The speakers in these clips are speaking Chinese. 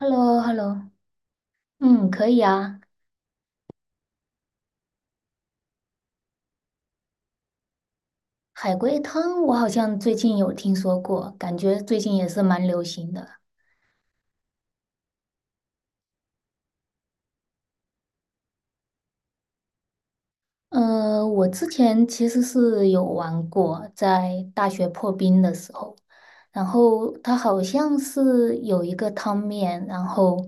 hello hello 嗯，可以啊。海龟汤我好像最近有听说过，感觉最近也是蛮流行的。我之前其实是有玩过，在大学破冰的时候，然后它好像是有一个汤面，然后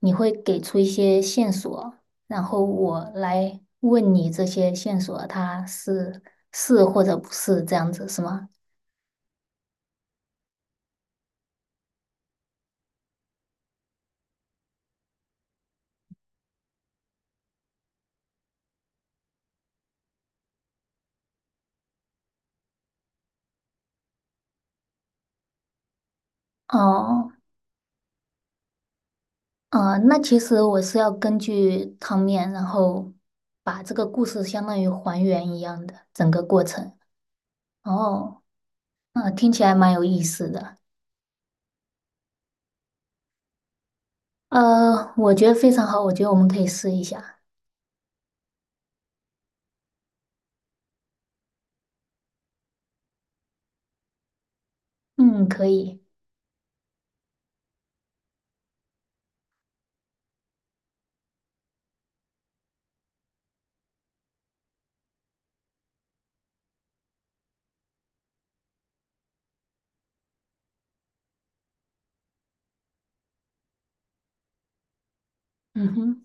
你会给出一些线索，然后我来问你这些线索它是，是或者不是这样子，是吗？哦。那其实我是要根据汤面，然后把这个故事相当于还原一样的整个过程。哦，那听起来蛮有意思的。我觉得非常好，我觉得我们可以试一下。嗯，可以。嗯哼，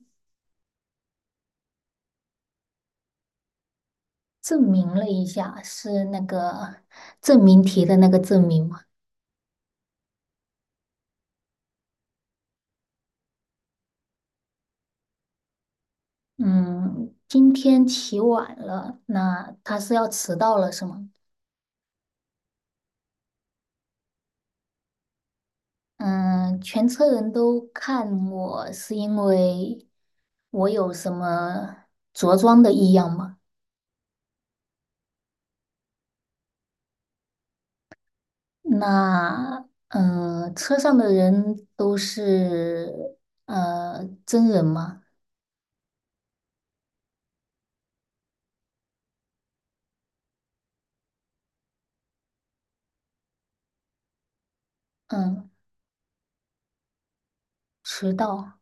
证明了一下是那个证明题的那个证明嘛。嗯，今天起晚了，那他是要迟到了是吗？嗯，全车人都看我是因为。我有什么着装的异样吗？那车上的人都是真人吗？嗯，迟到。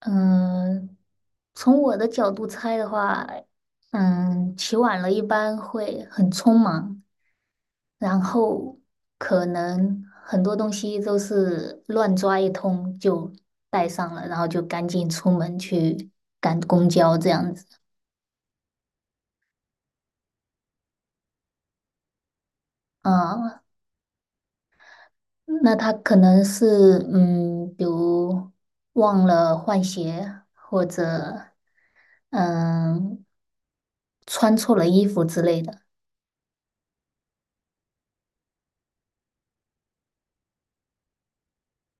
嗯，从我的角度猜的话，起晚了一般会很匆忙，然后可能很多东西都是乱抓一通就带上了，然后就赶紧出门去赶公交这样子。嗯，那他可能是，嗯，比如忘了换鞋，或者嗯穿错了衣服之类的。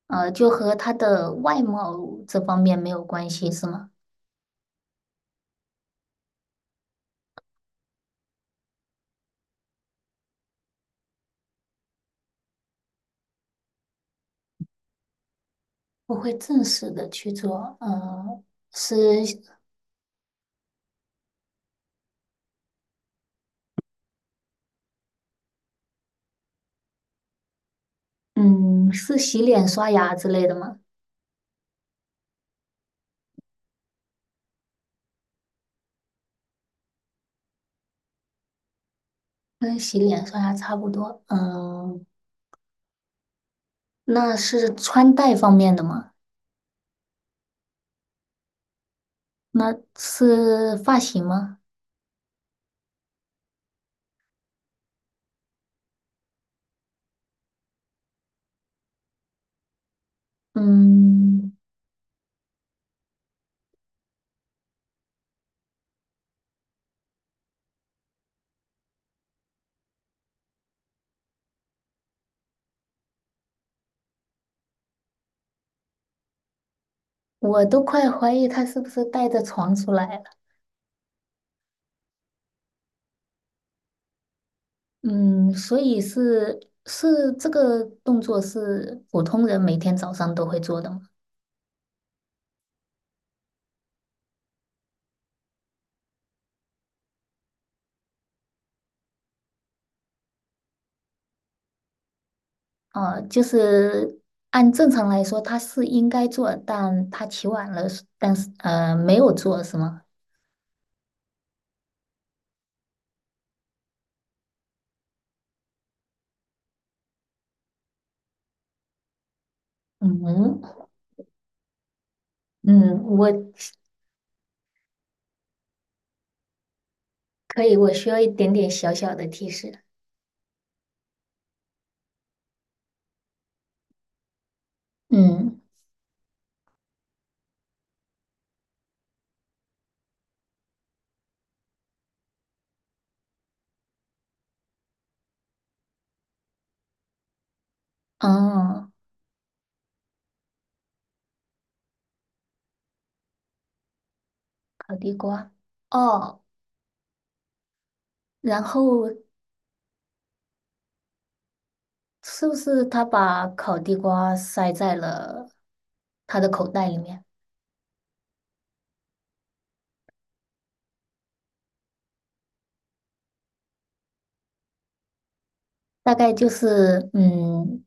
就和他的外貌这方面没有关系，是吗？我会正式的去做，是嗯是洗脸刷牙之类的吗？跟洗脸刷牙差不多，嗯，那是穿戴方面的吗？那是发型吗？嗯。我都快怀疑他是不是带着床出来了。嗯，所以是这个动作是普通人每天早上都会做的吗？啊，就是按正常来说他是应该做，但他起晚了，但是没有做是吗？嗯嗯，我可以，我需要一点点小小的提示。嗯，哦，烤地瓜，哦，然后是不是他把烤地瓜塞在了他的口袋里面？大概就是，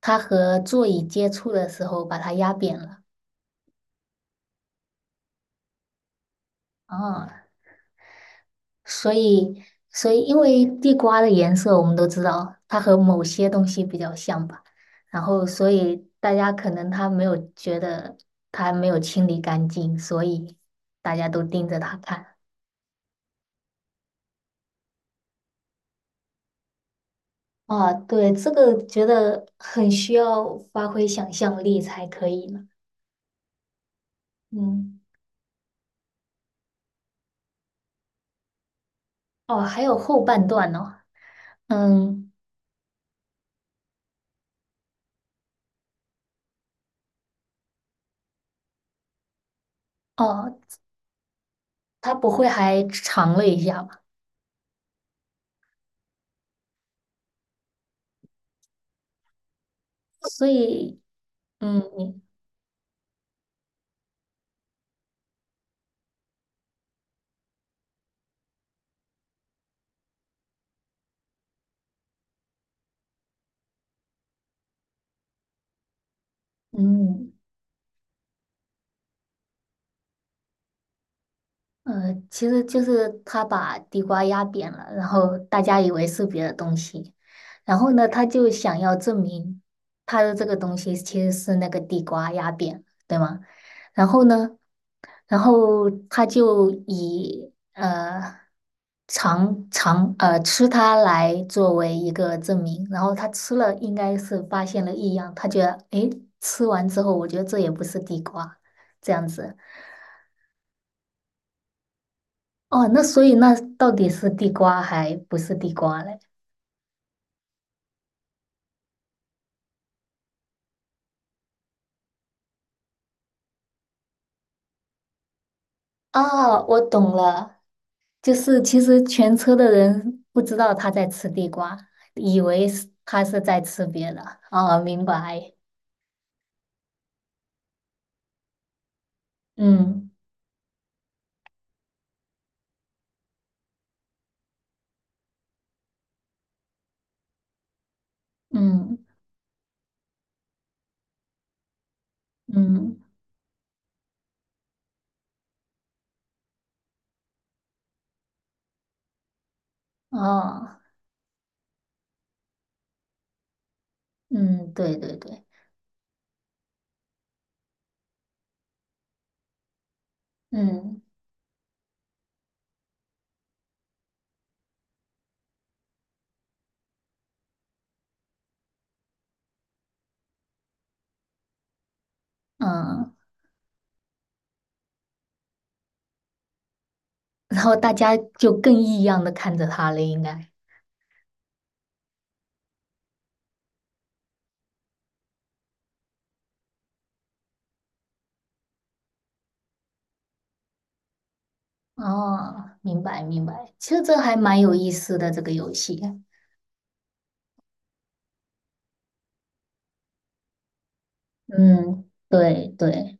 他和座椅接触的时候把它压扁了。啊，所以，所以因为地瓜的颜色我们都知道，它和某些东西比较像吧。然后，所以大家可能他没有觉得他没有清理干净，所以大家都盯着他看。啊，对，这个觉得很需要发挥想象力才可以呢。嗯，哦，还有后半段呢。嗯，哦，他不会还尝了一下吧？所以，嗯嗯其实就是他把地瓜压扁了，然后大家以为是别的东西，然后呢，他就想要证明他的这个东西其实是那个地瓜压扁，对吗？然后呢，然后他就以尝尝吃它来作为一个证明，然后他吃了应该是发现了异样，他觉得诶，吃完之后我觉得这也不是地瓜，这样子。哦，那所以那到底是地瓜还不是地瓜嘞？啊，我懂了，就是其实全车的人不知道他在吃地瓜，以为是他是在吃别的。哦，明白，嗯嗯嗯，哦，嗯，对对对，嗯嗯。然后大家就更异样的看着他了，应该。哦，明白明白，其实这还蛮有意思的这个游戏。嗯，对对，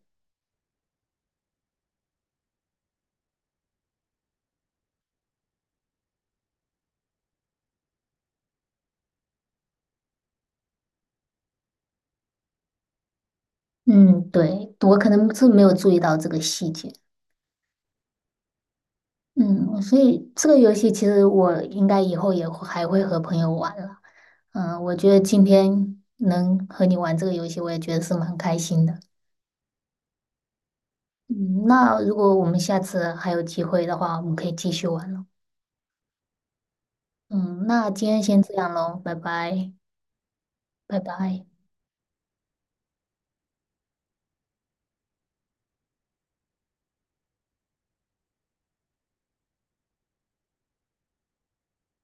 嗯对，我可能是没有注意到这个细节。嗯，所以这个游戏其实我应该以后也会还会和朋友玩了。嗯，我觉得今天能和你玩这个游戏，我也觉得是蛮开心的。嗯，那如果我们下次还有机会的话，我们可以继续玩了。嗯，那今天先这样喽，拜拜。拜拜。